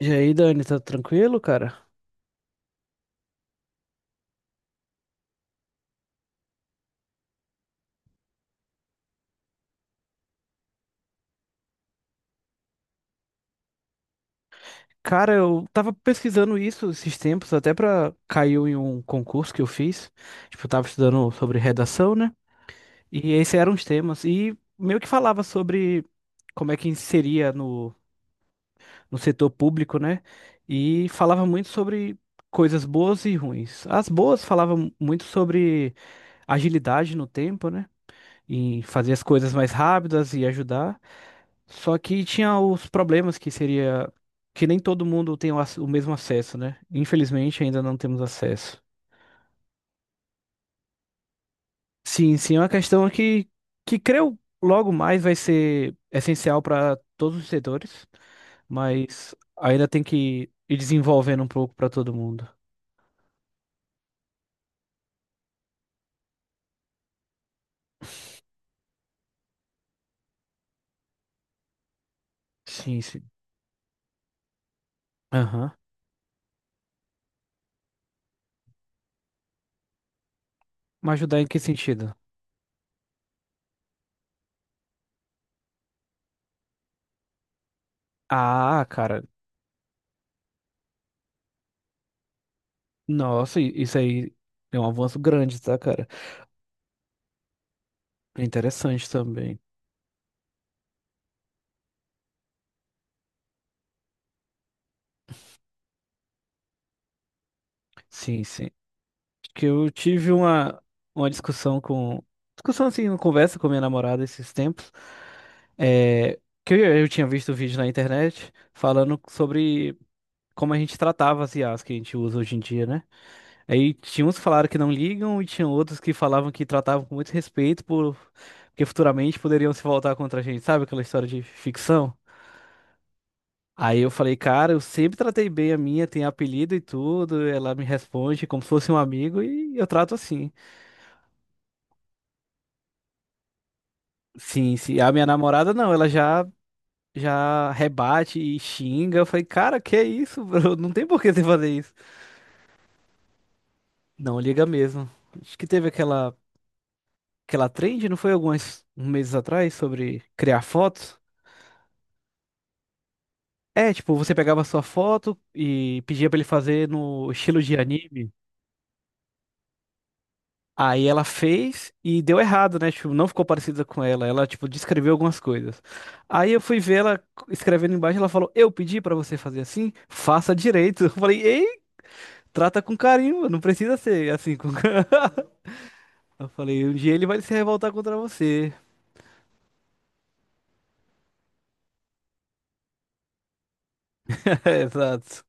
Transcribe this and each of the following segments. E aí, Dani, tá tranquilo, cara? Cara, eu tava pesquisando isso esses tempos, até pra caiu em um concurso que eu fiz. Tipo, eu tava estudando sobre redação, né? E esses eram os temas. E meio que falava sobre como é que inseria no setor público, né? E falava muito sobre coisas boas e ruins. As boas falavam muito sobre agilidade no tempo, né? Em fazer as coisas mais rápidas e ajudar. Só que tinha os problemas que seria que nem todo mundo tem o mesmo acesso, né? Infelizmente ainda não temos acesso. Sim, sim, é uma questão que creio logo mais vai ser essencial para todos os setores, mas ainda tem que ir desenvolvendo um pouco para todo mundo. Sim, sim. Aham. Mas ajudar em que sentido? Ah, cara, nossa, isso aí é um avanço grande, tá, cara? É interessante também. Sim, sim. Que eu tive uma discussão com. Discussão assim, uma conversa com minha namorada esses tempos. é, que eu tinha visto o vídeo na internet falando sobre como a gente tratava as IAs que a gente usa hoje em dia, né? Aí tinha uns que falaram que não ligam e tinha outros que falavam que tratavam com muito respeito porque futuramente poderiam se voltar contra a gente, sabe? Aquela história de ficção. Aí eu falei, cara, eu sempre tratei bem a minha, tem apelido e tudo, ela me responde como se fosse um amigo e eu trato assim. Sim, sim. A minha namorada não, ela já rebate e xinga. Eu falei, cara, que é isso, bro? Não tem por que você fazer isso. Não, liga mesmo. Acho que teve aquela trend, não foi alguns meses atrás sobre criar fotos? É, tipo, você pegava a sua foto e pedia pra ele fazer no estilo de anime. Aí ela fez e deu errado, né? Tipo, não ficou parecida com ela. Ela, tipo, descreveu algumas coisas. Aí eu fui ver ela escrevendo embaixo, ela falou: "Eu pedi pra você fazer assim, faça direito". Eu falei: Trata com carinho, não precisa ser assim com. Eu falei, um dia ele vai se revoltar contra você. Exato.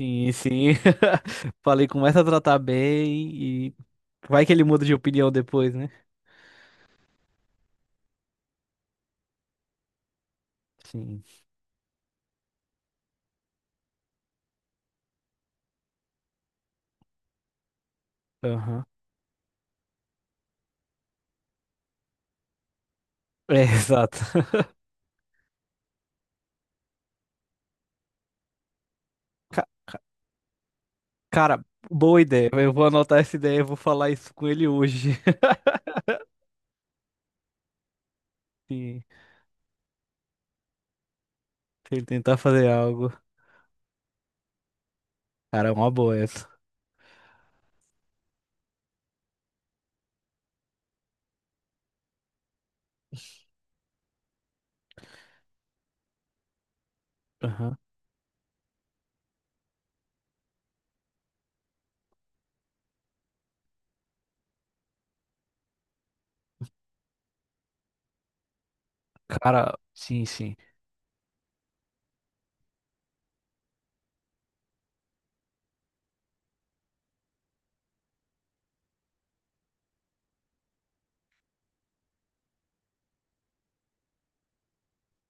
Sim, sim. Falei, começa a tratar bem e vai que ele muda de opinião depois, né? Sim. Aham. É, exato. Ca- ca- Cara, boa ideia. Eu vou anotar essa ideia e vou falar isso com ele hoje. Sim, se ele tentar fazer algo. Cara, é uma boa essa. Aham. Cara, sim, sim.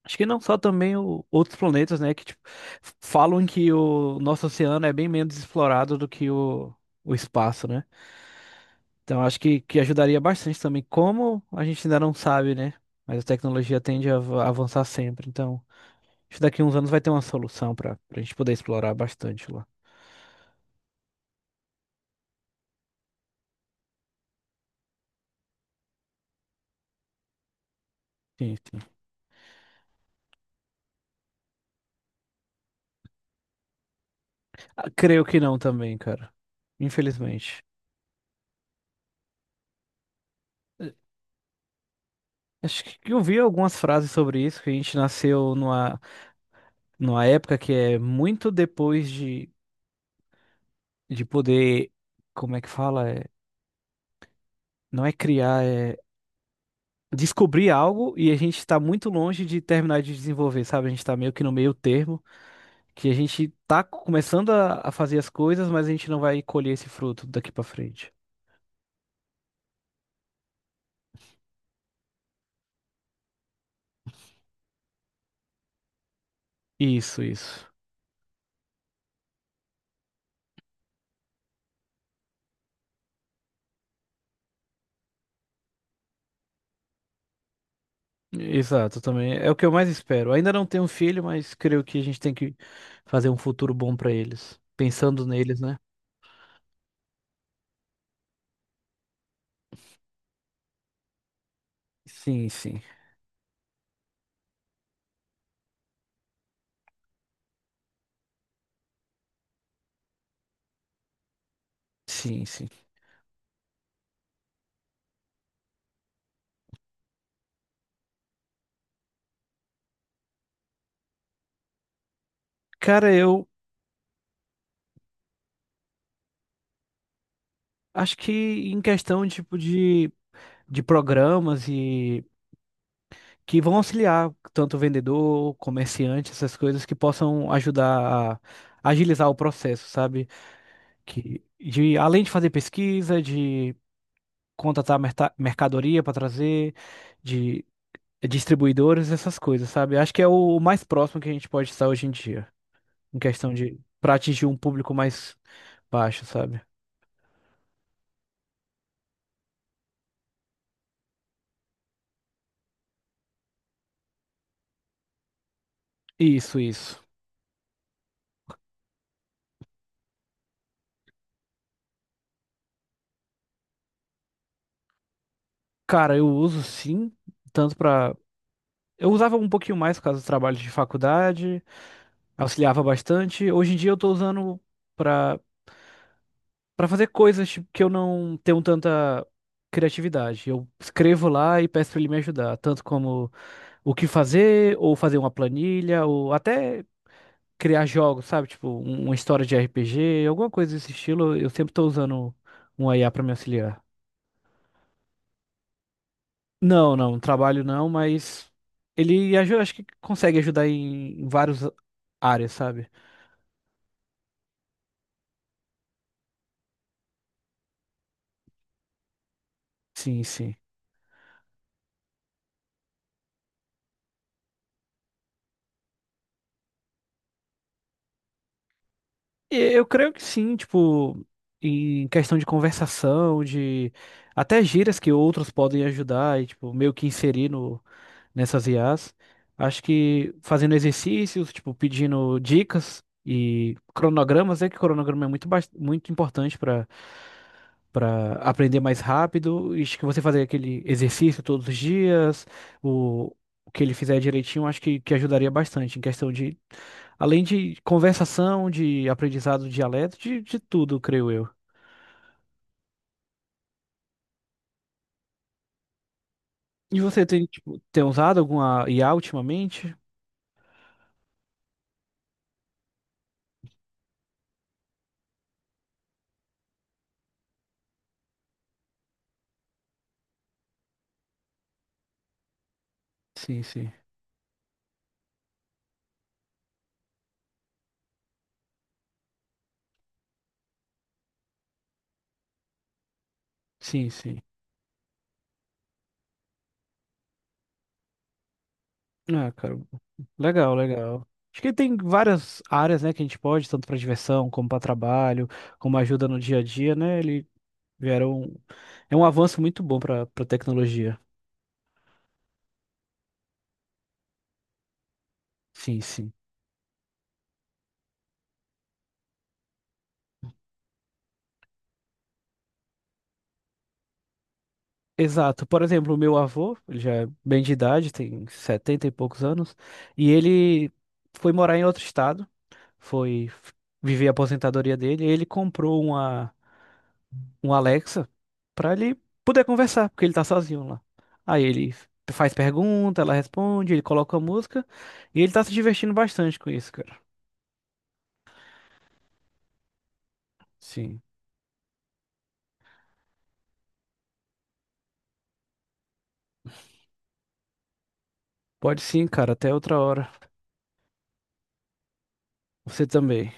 Acho que não só também outros planetas, né? Que tipo, falam que o nosso oceano é bem menos explorado do que o espaço, né? Então acho que ajudaria bastante também. Como a gente ainda não sabe, né? Mas a tecnologia tende a avançar sempre. Então, acho que daqui a uns anos vai ter uma solução para a gente poder explorar bastante lá. Sim, sim. Ah, creio que não também, cara. Infelizmente. Eh, Acho que eu vi algumas frases sobre isso, que a gente nasceu numa época que é muito depois de poder, como é que fala? É, não é criar, é descobrir algo e a gente está muito longe de terminar de desenvolver, sabe? A gente está meio que no meio termo, que a gente tá começando a fazer as coisas, mas a gente não vai colher esse fruto daqui para frente. Isso, isso. Exato, também é o que eu mais espero. Ainda não tenho filho, mas creio que a gente tem que fazer um futuro bom para eles, pensando neles, né? Sim, sim. Sim, sim. Cara, eu acho que em questão tipo de programas e que vão auxiliar tanto o vendedor, comerciante, essas coisas que possam ajudar a agilizar o processo, sabe? Que de além de fazer pesquisa, de contratar mercadoria para trazer, de distribuidores, essas coisas, sabe? Acho que é o mais próximo que a gente pode estar hoje em dia, em questão de para atingir um público mais baixo, sabe? Isso, isso. Cara, eu uso sim, tanto para eu usava um pouquinho mais por causa dos trabalhos de faculdade, auxiliava bastante. Hoje em dia eu tô usando pra para fazer coisas tipo, que eu não tenho tanta criatividade. Eu escrevo lá e peço pra ele me ajudar, tanto como o que fazer, ou fazer uma planilha, ou até criar jogos, sabe? Tipo, uma história de RPG, alguma coisa desse estilo. Eu sempre tô usando um IA pra me auxiliar. Não, não, trabalho não, mas ele ajuda, acho que consegue ajudar em várias áreas, sabe? Sim, sim. Eu creio que sim, tipo, em questão de conversação, de até gírias que outros podem ajudar e, tipo, meio que inserir no, nessas IAs. Acho que fazendo exercícios, tipo, pedindo dicas e cronogramas, é que cronograma é muito, muito importante para aprender mais rápido. E acho que você fazer aquele exercício todos os dias, o, o que ele fizer direitinho, acho que ajudaria bastante em questão de, além de conversação, de aprendizado do dialeto, de tudo, creio eu. E você tem, tipo, tem usado alguma IA ultimamente? Sim, sim. Sim, sim. Ah, cara, legal, legal. Acho que tem várias áreas, né, que a gente pode, tanto para diversão, como para trabalho, como ajuda no dia a dia, né? Ele vieram. É um avanço muito bom para tecnologia. Sim, sim. Exato. Por exemplo, o meu avô, ele já é bem de idade, tem 70 e poucos anos, e ele foi morar em outro estado, foi viver a aposentadoria dele, e ele comprou um Alexa para ele poder conversar, porque ele tá sozinho lá. Aí ele faz pergunta, ela responde, ele coloca a música, e ele tá se divertindo bastante com isso, cara. Sim. Pode sim, cara. Até outra hora. Você também.